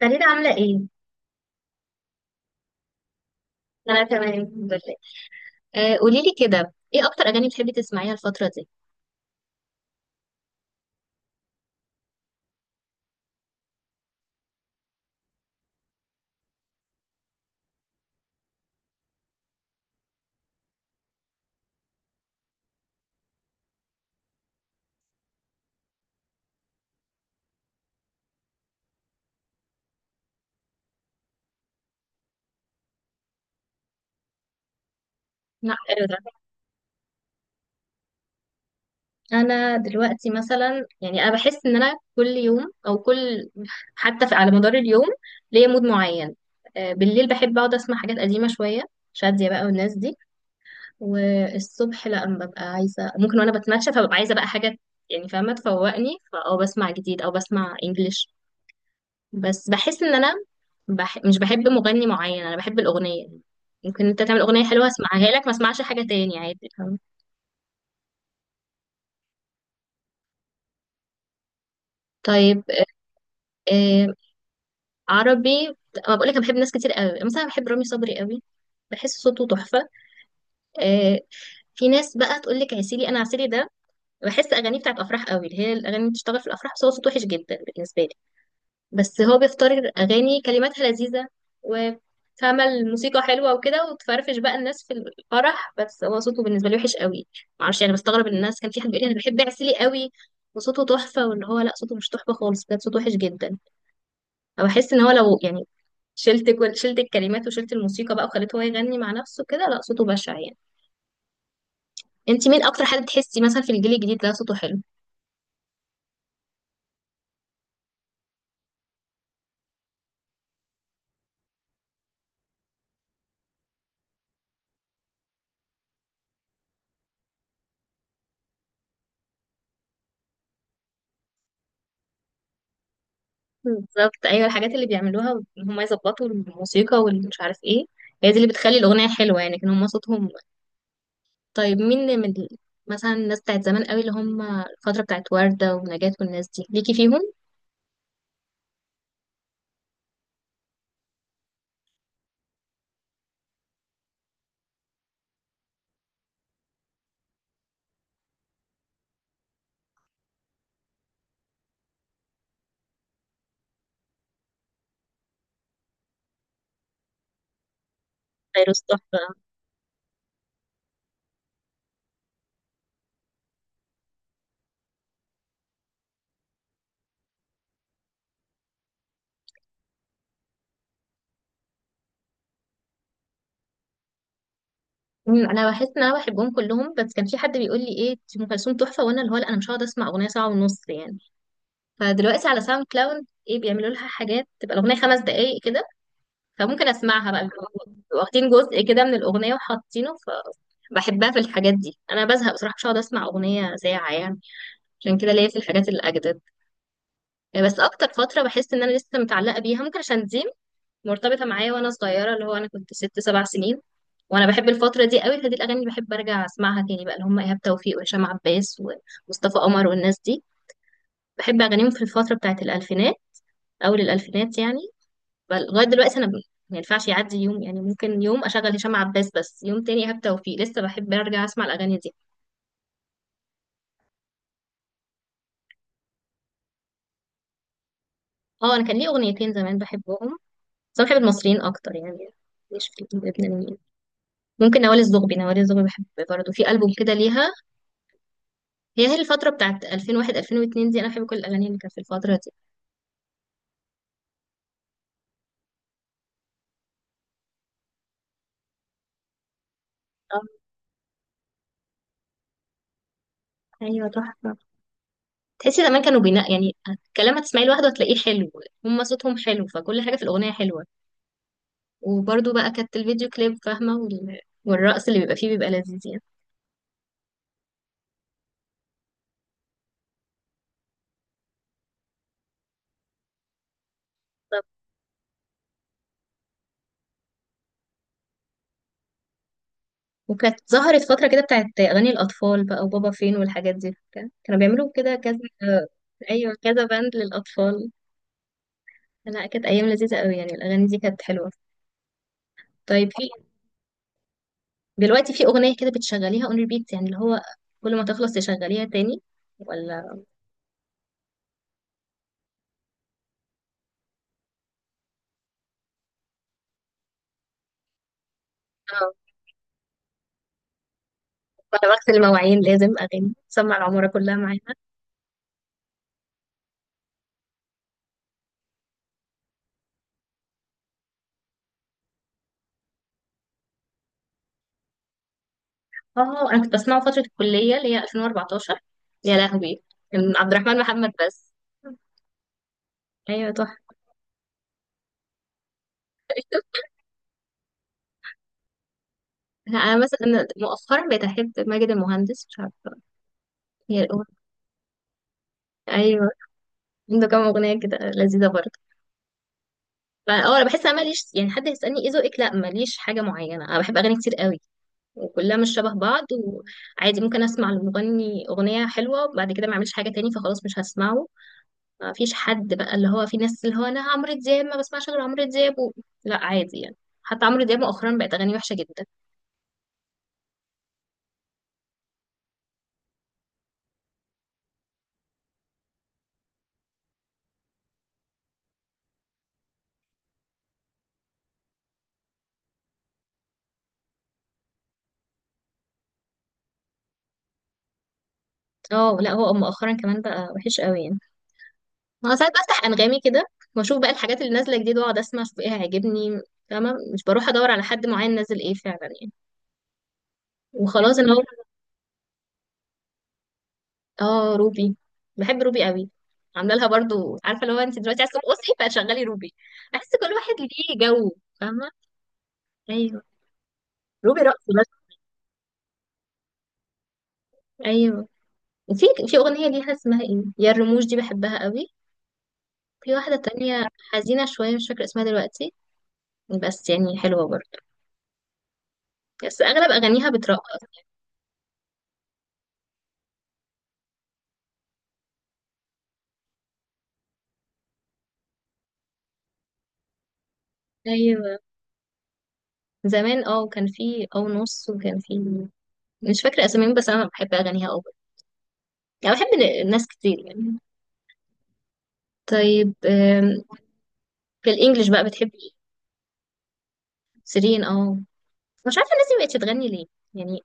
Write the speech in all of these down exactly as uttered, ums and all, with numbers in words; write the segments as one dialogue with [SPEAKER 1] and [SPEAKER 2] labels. [SPEAKER 1] فريدة عاملة ايه؟ أنا تمام الحمد لله. آه قولي لي كده ايه أكتر أغاني بتحبي تسمعيها الفترة دي؟ لا، حلو ده. أنا دلوقتي مثلا يعني أنا بحس إن أنا كل يوم أو كل حتى في على مدار اليوم ليا مود معين. آه بالليل بحب أقعد أسمع حاجات قديمة شوية، شادية بقى والناس دي. والصبح لأ، أنا ببقى عايزة ممكن وأنا بتمشى فببقى عايزة بقى حاجة يعني فاهمة تفوقني فأه بسمع جديد أو بسمع إنجليش. بس بحس إن أنا بح... مش بحب مغني معين، انا بحب الاغنيه. ممكن انت تعمل اغنيه حلوه اسمعها لك ما اسمعش حاجه تاني عادي، فاهم؟ طيب، آه... عربي. ما بقول لك انا بحب ناس كتير قوي، مثلا بحب رامي صبري قوي، بحس صوته تحفه. آه... في ناس بقى تقول لك عسيلي، انا عسيلي ده بحس اغانيه بتاعت افراح قوي، اللي هي الاغاني اللي بتشتغل في الافراح، بس هو صوته وحش جدا بالنسبه لي. بس هو بيختار اغاني كلماتها لذيذه وفاهمه الموسيقى حلوه وكده وتفرفش بقى الناس في الفرح، بس هو صوته بالنسبه لي وحش قوي. معرفش يعني، بستغرب ان الناس كان في حد بيقول لي انا بحب عسيلي قوي وصوته تحفه، واللي هو لا صوته مش تحفه خالص بجد، صوته وحش جدا. فبحس ان هو لو يعني شلت كل شلت الكلمات وشلت الموسيقى بقى وخليته هو يغني مع نفسه كده، لا صوته بشع يعني. انت مين اكتر حد تحسي مثلا في الجيل الجديد ده صوته حلو؟ بالظبط، ايوه الحاجات اللي بيعملوها ان هم يظبطوا الموسيقى والمش عارف ايه، هي دي اللي بتخلي الاغنيه حلوه، يعني كان هم صوتهم. طيب، مين من ال- مثلا الناس بتاعت زمان قوي اللي هم الفتره بتاعت ورده ونجاة والناس دي، ليكي فيهم؟ فيروز تحفه. مم، انا بحس ان انا بحبهم كلهم، بس كان في حد بيقول لي ايه دي ام كلثوم تحفه، وانا اللي هو لا، انا مش هقعد اسمع اغنيه ساعه ونص يعني. فدلوقتي على ساوند كلاود ايه بيعملوا لها حاجات تبقى الاغنيه خمس دقائق كده، فممكن اسمعها بقى، بيبقوا واخدين جزء كده من الاغنيه وحاطينه. فبحبها في الحاجات دي، انا بزهق بصراحه، مش هقعد اسمع اغنيه ساعه يعني. عشان كده ليا في الحاجات الاجدد، بس اكتر فتره بحس ان انا لسه متعلقه بيها ممكن عشان دي مرتبطه معايا وانا صغيره، اللي هو انا كنت ست سبع سنين وانا بحب الفتره دي قوي، فدي الاغاني اللي بحب ارجع اسمعها تاني بقى، اللي هم ايهاب توفيق وهشام عباس ومصطفى قمر والناس دي. بحب اغانيهم في الفتره بتاعت الالفينات، اول الالفينات يعني. بل- لغايه دلوقتي انا ب- ما ينفعش يعدي يوم، يعني ممكن يوم اشغل هشام عباس بس يوم تاني ايهاب توفيق، لسه بحب ارجع اسمع الاغاني دي. اه، انا كان ليه اغنيتين زمان بحبهم، بس انا بحب المصريين اكتر يعني، مش في اللبنانيين. ممكن نوال الزغبي نوال الزغبي بحب برضه في البوم كده ليها، هي هي الفتره بتاعت ألفين وواحد ألفين واتنين دي انا بحب كل الاغاني اللي كانت في الفتره دي. اه ايوه تحفه، تحسي زمان كانوا بينا يعني، الكلام هتسمعيه لوحده هتلاقيه حلو، هم صوتهم حلو فكل حاجه في الاغنيه حلوه. وبرضو بقى كانت الفيديو كليب فاهمة وال... والرقص اللي بيبقى فيه بيبقى لذيذ يعني. طب. وكانت ظهرت فترة كده بتاعت أغاني الأطفال بقى وبابا فين والحاجات دي، كان- كانوا بيعملوا كده كذا. أيوة، كذا باند للأطفال. لا، كانت أيام لذيذة قوي يعني، الأغاني دي كانت حلوة. طيب، في دلوقتي في أغنية كده بتشغليها اون ريبيت، يعني اللي هو كل ما تخلص تشغليها تاني، ولا؟ اه. ولا بغسل المواعين لازم أغاني، سمع العمارة كلها معايا. اه، انا كنت بسمعه فترة الكلية اللي هي ألفين وأربعتاشر، يا لهوي. كان عبد الرحمن محمد بس. ايوه تحفة. لا، انا مثلا مؤخرا بقيت احب ماجد المهندس، مش عارفة. هي الأغنية. ايوه، عنده كام اغنية كده لذيذة برضه. فاه انا بحس انا ماليش يعني، حد يسألني ايه ذوقك، لا، ماليش حاجة معينة، انا بحب اغاني كتير قوي وكلها مش شبه بعض. وعادي ممكن اسمع المغني اغنية حلوة بعد كده ما اعملش حاجة تاني، فخلاص مش هسمعه. ما فيش حد بقى، اللي هو في ناس اللي هو انا عمرو دياب ما بسمعش غير عمرو دياب و... لا، عادي يعني. حتى عمرو دياب مؤخرا بقت اغانيه وحشه جدا. اه لا، هو مؤخرا كمان بقى وحش قوي يعني. انا ساعات بفتح انغامي كده، واشوف بقى الحاجات اللي نازله جديد واقعد اسمع اشوف ايه هيعجبني، فاهمه، مش بروح ادور على حد معين نازل ايه فعلا يعني، وخلاص ان هو. اه، روبي، بحب روبي قوي. عامله لها برضو، عارفه لو انت دلوقتي عايزه ترقصي فشغلي روبي، احس كل واحد ليه جو، فاهمه. ايوه، روبي رقص بس. ايوه، في في أغنية ليها اسمها ايه يا الرموش دي بحبها قوي. في واحدة تانية حزينة شوية مش فاكرة اسمها دلوقتي، بس يعني حلوة برضه، بس أغلب أغانيها بترقص. أيوة، زمان اه كان في أو نص وكان في، مش فاكرة أساميهم، بس أنا بحب أغانيها أوي يعني، بحب ن- ناس كتير يعني. طيب، آم، في الإنجليش بقى بتحبي إيه؟ سيرين، اه. مش عارفة الناس دي مبقتش تغني ليه يعني،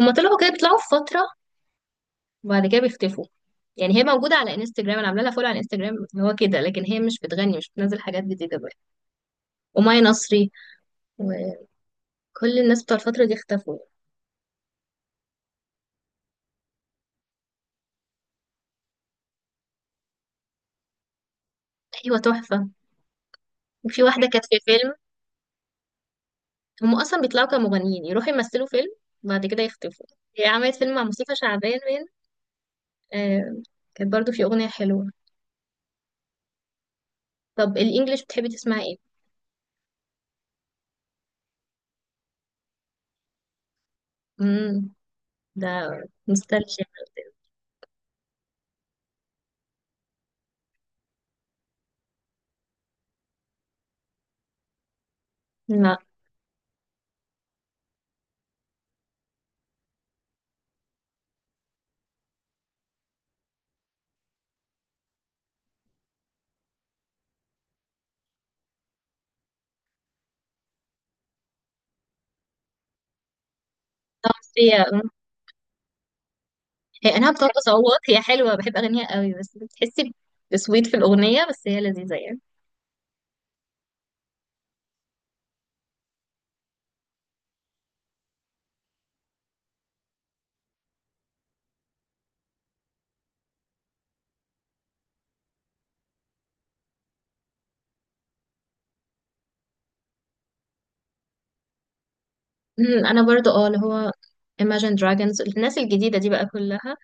[SPEAKER 1] هما طلعوا كده بيطلعوا في فترة وبعد كده بيختفوا. يعني هي موجودة على انستجرام، انا عاملة لها فولو على انستجرام اللي هو كده، لكن هي مش بتغني، مش بتنزل حاجات جديدة بقى. وماي نصري وكل الناس بتوع الفترة دي اختفوا. ايوه تحفة. وفي واحدة كانت في فيلم، هم اصلا بيطلعوا كمغنيين يروحوا يمثلوا فيلم بعد كده يختفوا. هي عملت فيلم مع مصطفى شعبان وين. آه، كانت برضو في اغنية حلوة. طب، الانجليش بتحبي تسمعي ايه؟ امم ده نوستالجيا. لا تغطية. هي انها بتقعد تصوت، هي حلوه بحب اغانيها قوي، بس بتحسي بسويت في الاغنيه، بس هي لذيذه يعني. أمم، انا برضو اه اللي هو Imagine Dragons الناس الجديده دي بقى كلها.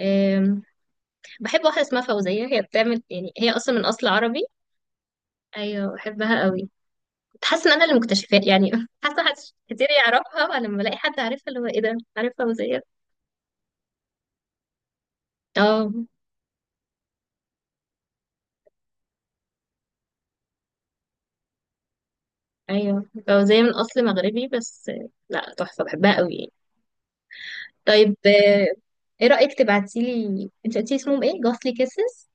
[SPEAKER 1] أم، بحب واحده اسمها فوزيه، هي بتعمل يعني هي اصلا من اصل عربي. ايوه بحبها قوي، كنت حاسه ان انا اللي مكتشفاه يعني. حاسه حد كتير يعرفها ولما بلاقي حد عارفها اللي هو ايه ده عارف فوزيه. اه ايوه، فوزيه من اصل مغربي بس. لا تحفه بحبها قوي يعني. طيب، آه، ايه رأيك تبعتيلي انت قلتي اسمهم ايه، جوثلي كيسز؟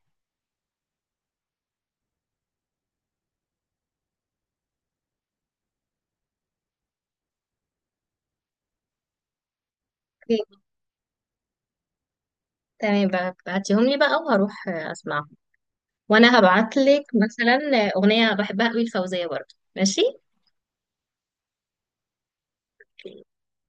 [SPEAKER 1] اوكي، تمام بقى، بعتيهم لي بقى وهروح آه، اسمعهم. وانا هبعتلك مثلا آه، اغنية بحبها قوي، الفوزية برضه، ماشي.